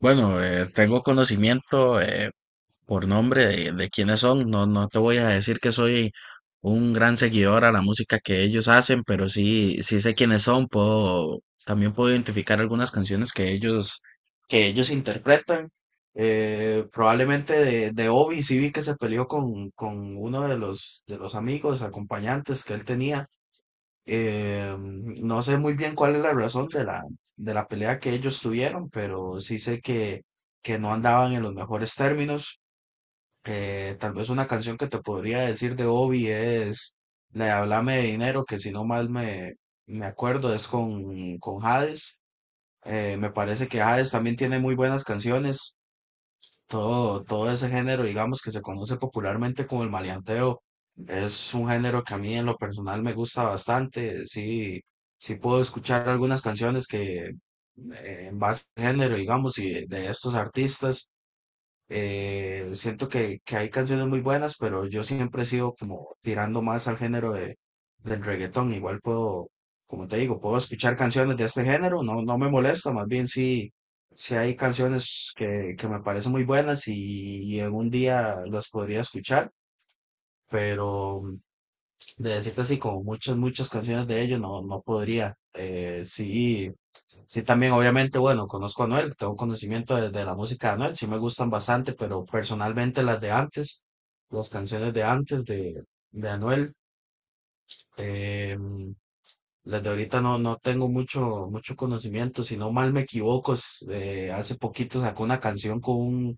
Bueno, tengo conocimiento por nombre de quiénes son. No te voy a decir que soy un gran seguidor a la música que ellos hacen, pero sí, sí sé quiénes son. Puedo, también puedo identificar algunas canciones que ellos interpretan. Probablemente de Obi, sí vi que se peleó con uno de los amigos, acompañantes que él tenía. No sé muy bien cuál es la razón de la pelea que ellos tuvieron, pero sí sé que no andaban en los mejores términos. Tal vez una canción que te podría decir de Obi es la de Háblame de Dinero, que si no mal me acuerdo es con Hades. Me parece que Hades también tiene muy buenas canciones. Todo ese género, digamos, que se conoce popularmente como el maleanteo, es un género que a mí en lo personal me gusta bastante. Sí, sí puedo escuchar algunas canciones que en base al género, digamos, y de estos artistas. Siento que hay canciones muy buenas, pero yo siempre he sido como tirando más al género del reggaetón. Igual puedo, como te digo, puedo escuchar canciones de este género, no, no me molesta, más bien sí, sí hay canciones que me parecen muy buenas y algún día las podría escuchar, pero de decirte así, como muchas, muchas canciones de ellos, no, no podría. Sí. Sí, también, obviamente, bueno, conozco a Anuel, tengo conocimiento de la música de Anuel, sí me gustan bastante, pero personalmente las de antes, las canciones de antes de Anuel, em, las de ahorita no, no tengo mucho, mucho conocimiento. Si no mal me equivoco, es, hace poquito sacó una canción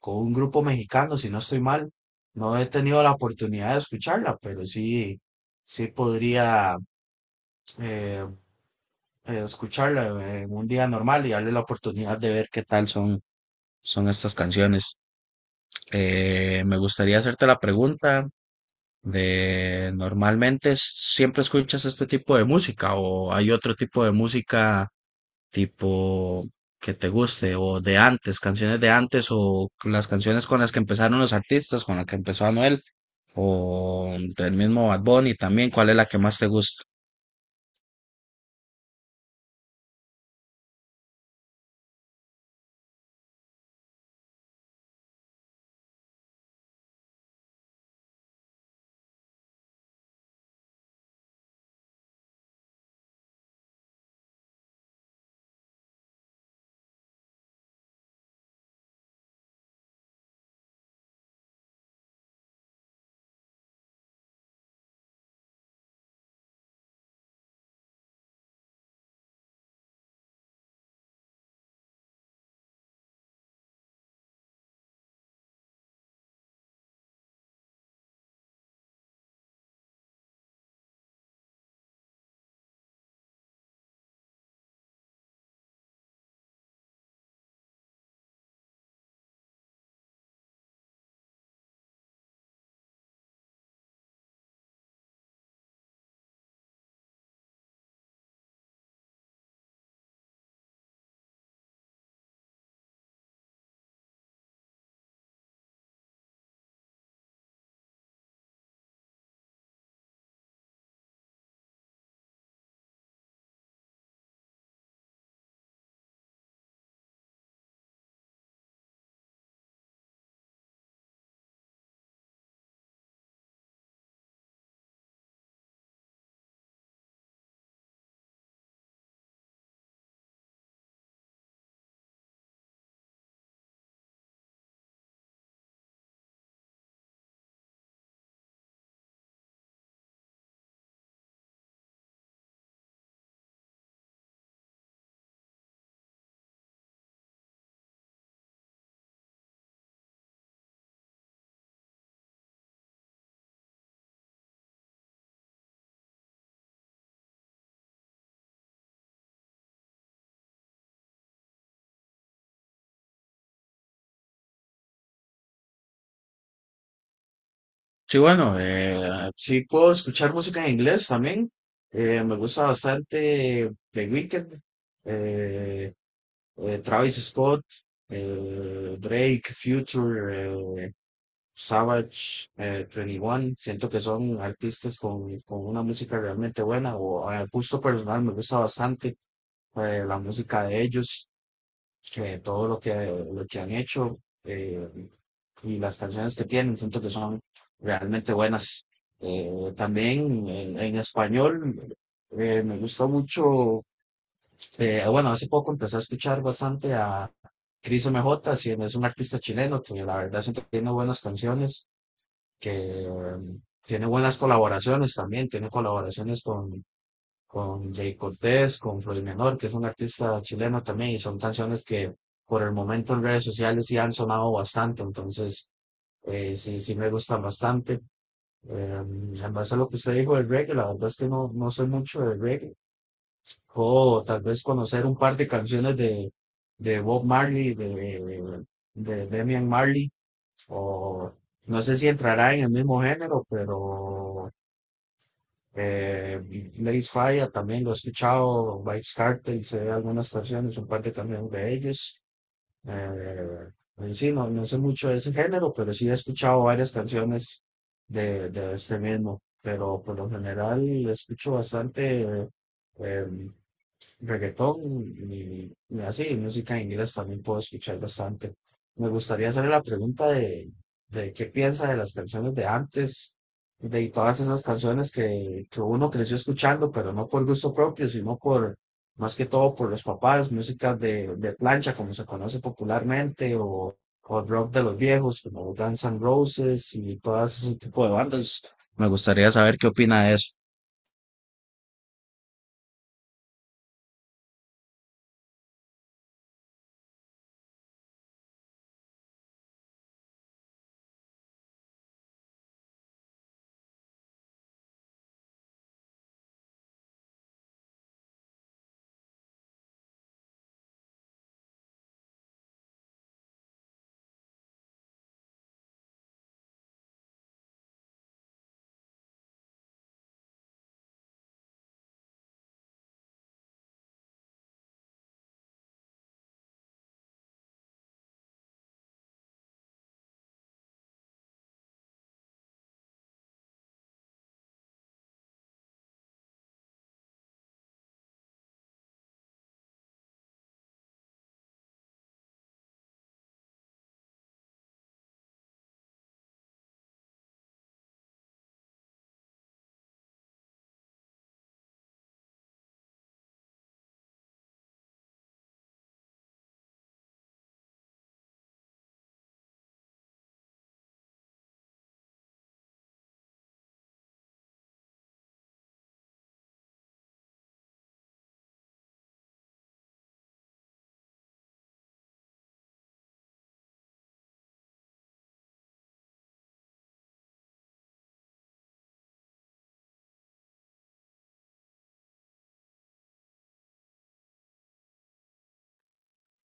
con un grupo mexicano, si no estoy mal, no he tenido la oportunidad de escucharla, pero sí, sí podría eh, escucharla en un día normal y darle la oportunidad de ver qué tal son. Son estas canciones. Me gustaría hacerte la pregunta de, ¿normalmente siempre escuchas este tipo de música o hay otro tipo de música tipo que te guste o de antes, canciones de antes o las canciones con las que empezaron los artistas, con la que empezó Anuel o del mismo Bad Bunny también? ¿Cuál es la que más te gusta? Sí, bueno, sí puedo escuchar música en inglés también. Me gusta bastante The Weeknd. eh, Travis Scott, Drake, Future, Savage, 21. Siento que son artistas con una música realmente buena o a gusto personal me gusta bastante la música de ellos, todo lo lo que han hecho y las canciones que tienen. Siento que son realmente buenas. También en español me gusta mucho bueno, hace poco empecé a escuchar bastante a Cris M J si es un artista chileno que la verdad siempre tiene buenas canciones, que tiene buenas colaboraciones también, tiene colaboraciones con Jay Cortés, con Floyd Menor, que es un artista chileno también, y son canciones que por el momento en redes sociales sí han sonado bastante, entonces sí, sí me gustan bastante. Eh, en base a lo que usted dijo del reggae, la verdad es que no, no soy mucho de reggae, o tal vez conocer un par de canciones de Bob Marley, de Demian Marley, o no sé si entrará en el mismo género, pero eh, Blaze Fire también lo he escuchado, Vibes Cartel, sé algunas canciones, un par de canciones de ellos. Eh, en sí, no, no sé mucho de ese género, pero sí he escuchado varias canciones de este mismo. Pero por lo general escucho bastante eh, reggaetón y así, música en inglés también puedo escuchar bastante. Me gustaría hacerle la pregunta de qué piensa de las canciones de antes, de todas esas canciones que uno creció escuchando, pero no por gusto propio, sino por, más que todo por los papás, música de plancha, como se conoce popularmente, o rock de los viejos, como Guns N' Roses y todo ese tipo de bandas. Me gustaría saber qué opina de eso.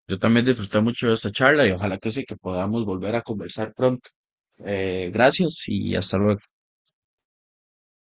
Yo también disfruté mucho de esta charla y ojalá que sí, que podamos volver a conversar pronto. Gracias y hasta luego.